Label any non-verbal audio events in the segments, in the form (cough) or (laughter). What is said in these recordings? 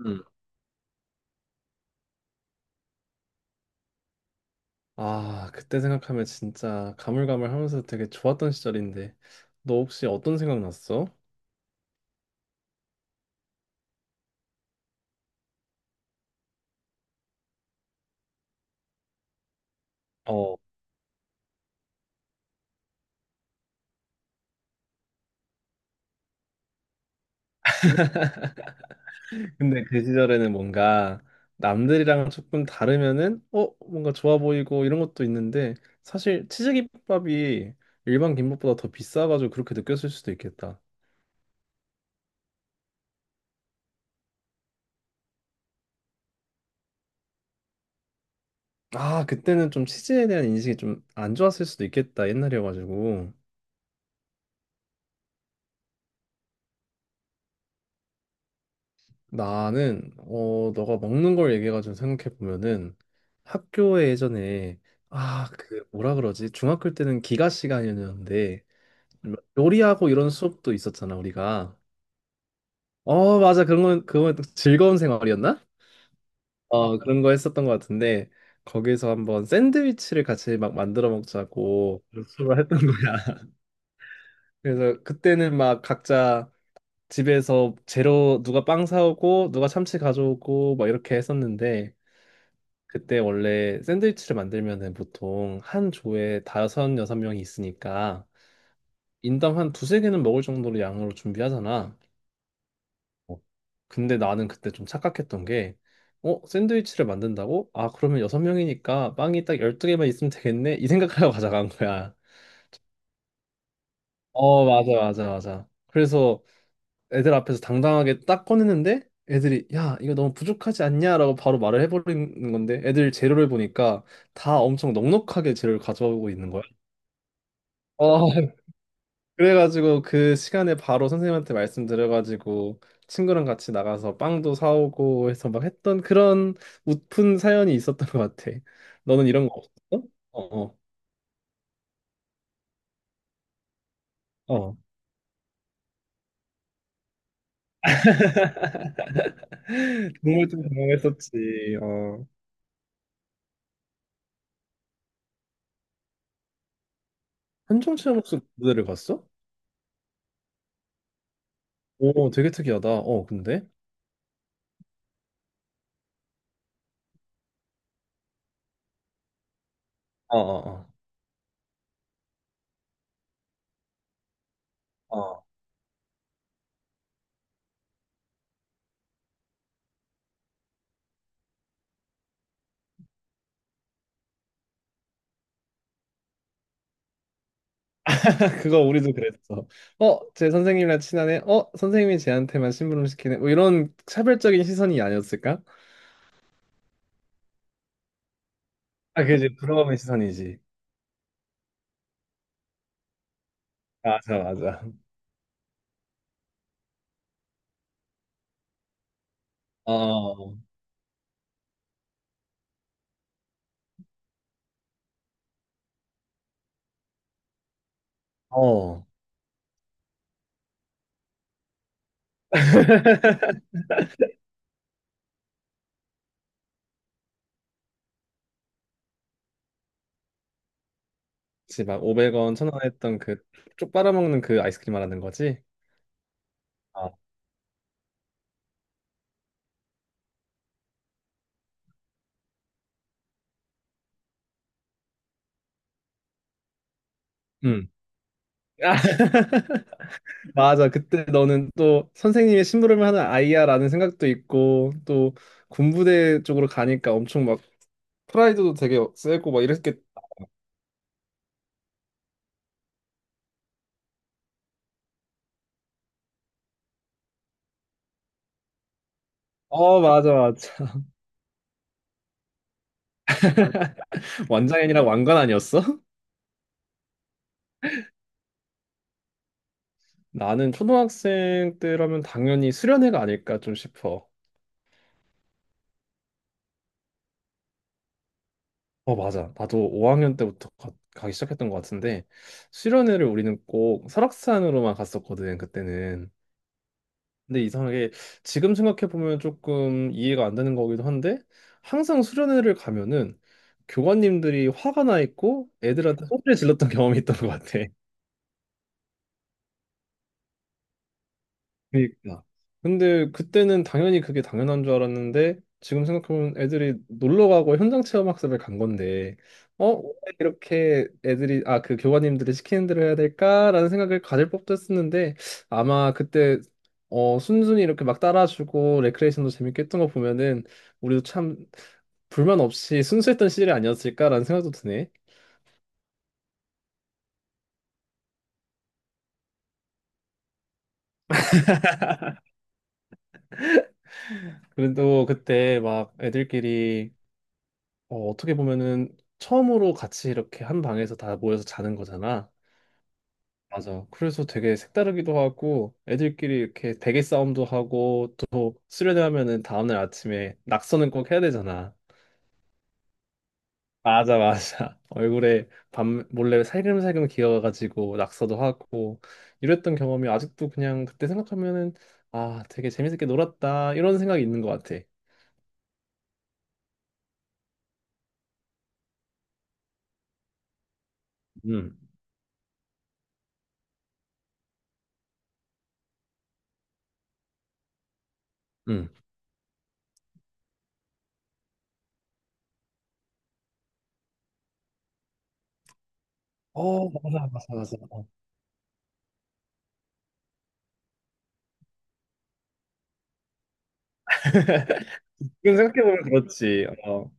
음. 아, 그때 생각하면 진짜 가물가물하면서 되게 좋았던 시절인데. 너 혹시 어떤 생각 났어? 어, (laughs) 근데 그 시절에는 뭔가 남들이랑 조금 다르면은 뭔가 좋아 보이고 이런 것도 있는데 사실 치즈김밥이 일반 김밥보다 더 비싸가지고 그렇게 느꼈을 수도 있겠다. 아, 그때는 좀 치즈에 대한 인식이 좀 안 좋았을 수도 있겠다, 옛날이어가지고. 나는 너가 먹는 걸 얘기해가지고 생각해 보면은 학교에 예전에 아, 그 뭐라 그러지, 중학교 때는 기가 시간이었는데 뭐 요리하고 이런 수업도 있었잖아 우리가. 어, 맞아. 그런 건 그건 즐거운 생활이었나? 어, 그런 거 했었던 것 같은데 거기서 한번 샌드위치를 같이 막 만들어 먹자고 수업을 했던 거야. (laughs) 그래서 그때는 막 각자 집에서 재료 누가 빵 사오고 누가 참치 가져오고 막 이렇게 했었는데, 그때 원래 샌드위치를 만들면은 보통 한 조에 다섯, 여섯 명이 있으니까 인당 한 두 세 개는 먹을 정도로 양으로 준비하잖아. 어, 근데 나는 그때 좀 착각했던 게, 어, 샌드위치를 만든다고? 아, 그러면 여섯 명이니까 빵이 딱 열두 개만 있으면 되겠네? 이 생각하고 (laughs) 가져간 거야. 어, 맞아, 맞아, 맞아. 그래서 애들 앞에서 당당하게 딱 꺼냈는데 애들이, 야, 이거 너무 부족하지 않냐? 라고 바로 말을 해버리는 건데, 애들 재료를 보니까 다 엄청 넉넉하게 재료를 가져오고 있는 거야. 어, (laughs) 그래가지고 그 시간에 바로 선생님한테 말씀드려가지고 친구랑 같이 나가서 빵도 사오고 해서 막 했던 그런 웃픈 사연이 있었던 것 같아. 너는 이런 거 없었어? 어, 어. 어. (laughs) 정말 좀 당황했었지. 어. 현정 씨가 목소리 무대를 갔어? 오, 되게 특이하다. 어, 근데? 어, 어, 어. 어. (laughs) 그거 우리도 그랬어. 어, 제 선생님이랑 친하네. 어, 선생님이 쟤한테만 심부름 시키네. 뭐 이런 차별적인 시선이 아니었을까? 아, 그지. 부러움의 시선이지. 맞아, 맞아. 어, 어. 그치, 막 500원, 1000원 했던 그, 쪽 빨아먹는 그 아이스크림 말하는 거지? 아, 음. (laughs) 아, 맞아. 그때 너는 또 선생님의 심부름을 하는 아이야라는 생각도 있고, 또 군부대 쪽으로 가니까 엄청 막 프라이드도 되게 세고 막 이랬겠. 어, 맞아, 맞아. (laughs) 완장애니랑 왕관 아니었어? (laughs) 나는 초등학생 때라면 당연히 수련회가 아닐까 좀 싶어. 어, 맞아. 나도 5학년 때부터 가기 시작했던 것 같은데, 수련회를 우리는 꼭 설악산으로만 갔었거든, 그때는. 근데 이상하게 지금 생각해보면 조금 이해가 안 되는 거기도 한데, 항상 수련회를 가면은 교관님들이 화가 나 있고 애들한테 소리를 질렀던 경험이 있던 것 같아. 그러니까. 근데 그때는 당연히 그게 당연한 줄 알았는데 지금 생각하면 애들이 놀러 가고 현장 체험 학습을 간 건데, 어? 왜 이렇게 애들이 아, 그 교관님들이 시키는 대로 해야 될까라는 생각을 가질 법도 했었는데 아마 그때 순순히 이렇게 막 따라주고 레크레이션도 재밌게 했던 거 보면은 우리도 참 불만 없이 순수했던 시절이 아니었을까라는 생각도 드네. 그래도 그때 막 애들끼리 어, 어떻게 보면은 처음으로 같이 이렇게 한 방에서 다 모여서 자는 거잖아. 맞아. 그래서 되게 색다르기도 하고 애들끼리 이렇게 베개 싸움도 하고 또 수련회 하면은 다음날 아침에 낙서는 꼭 해야 되잖아. 맞아, 맞아. (laughs) 얼굴에 밤 몰래 살금살금 기어가지고 낙서도 하고 이랬던 경험이 아직도 그냥 그때 생각하면은 아, 되게 재밌게 놀았다, 이런 생각이 있는 것 같아. 음, 음. 어, 맞아, 맞아, 맞아. 어. 지금 생각해보면 그렇지. 어,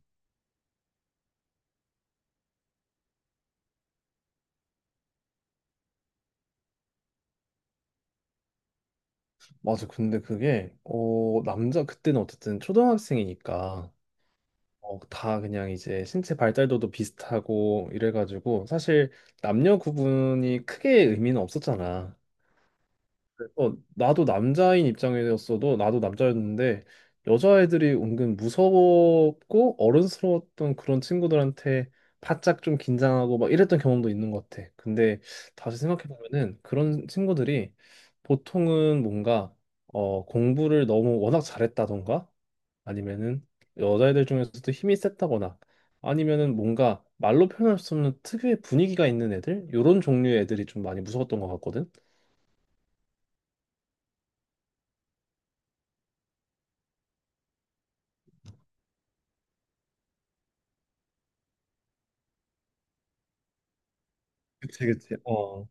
맞아. 근데 그게 남자 그때는 어쨌든 초등학생이니까 어, 다 그냥 이제 신체 발달도도 비슷하고 이래가지고 사실 남녀 구분이 크게 의미는 없었잖아. 그, 어, 나도 남자인 입장이었어도 나도 남자였는데 여자애들이 은근 무서웠고 어른스러웠던 그런 친구들한테 바짝 좀 긴장하고 막 이랬던 경험도 있는 것 같아. 근데 다시 생각해 보면은 그런 친구들이 보통은 뭔가 어, 공부를 너무 워낙 잘했다던가 아니면은 여자애들 중에서도 힘이 셌다거나 아니면은 뭔가 말로 표현할 수 없는 특유의 분위기가 있는 애들, 이런 종류의 애들이 좀 많이 무서웠던 것 같거든. 그치, 그치. 어.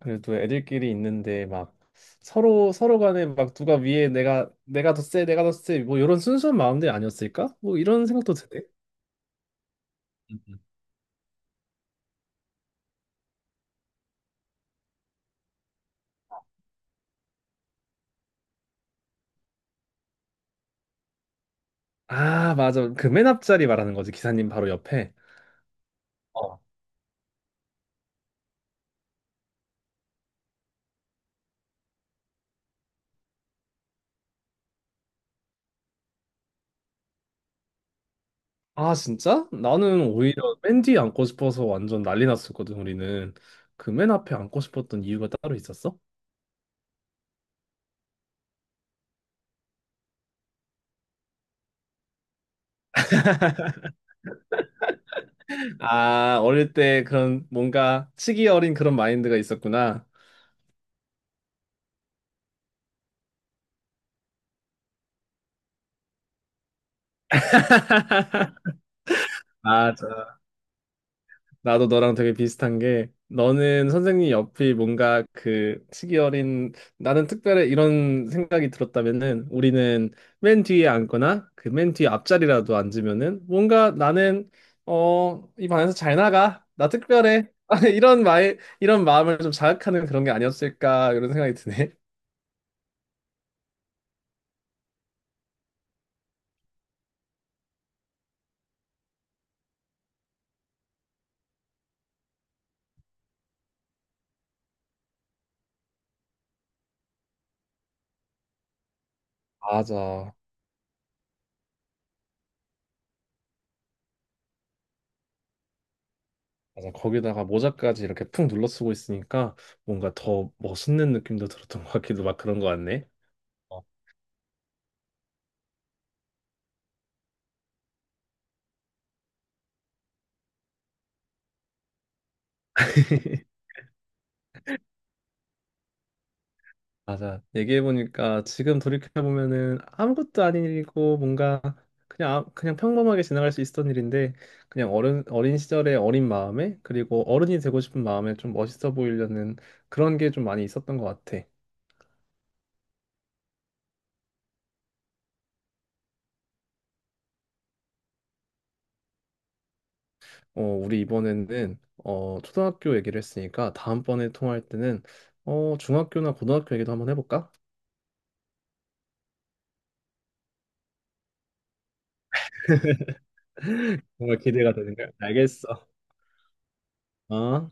그래도 애들끼리 있는데 막 서로 서로 간에 막 누가 위에 내가 더 세, 내가 더 세, 뭐 이런 순수한 마음들이 아니었을까? 뭐 이런 생각도 드네. 음, 음. 아, 맞아. 그 맨 앞자리 말하는 거지. 기사님 바로 옆에. 어, 아, 진짜? 나는 오히려 맨 뒤에 앉고 싶어서 완전 난리 났었거든, 우리는. 그 맨 앞에 앉고 싶었던 이유가 따로 있었어? 아, 어릴 때 그런 뭔가 치기 어린 그런 마인드가 있었구나. 맞아. 나도 너랑 되게 비슷한 게, 너는 선생님 옆이 뭔가 그 시기 어린 나는 특별히 이런 생각이 들었다면은 우리는 맨 뒤에 앉거나 그 맨 뒤에 앞자리라도 앉으면은 뭔가 나는 이 반에서 잘 나가, 나 특별해, (laughs) 이런 말 이런 마음을 좀 자극하는 그런 게 아니었을까, 이런 생각이 드네. 맞아. 맞아. 거기다가 모자까지 이렇게 푹 눌러 쓰고 있으니까 뭔가 더 멋있는 느낌도 들었던 것 같기도 막 그런 것 같네. 어. (laughs) 맞아. 얘기해보니까 지금 돌이켜보면은 아무것도 아닌 일이고 뭔가 그냥, 아- 그냥 평범하게 지나갈 수 있었던 일인데 그냥 어른, 어린 시절의 어린 마음에 그리고 어른이 되고 싶은 마음에 좀 멋있어 보이려는 그런 게 좀 많이 있었던 것 같아. 어, 우리 이번에는 어, 초등학교 얘기를 했으니까 다음번에 통화할 때는 어, 중학교나 고등학교 얘기도 한번 해볼까? 정말 기대가 되는 거야. 알겠어. 어?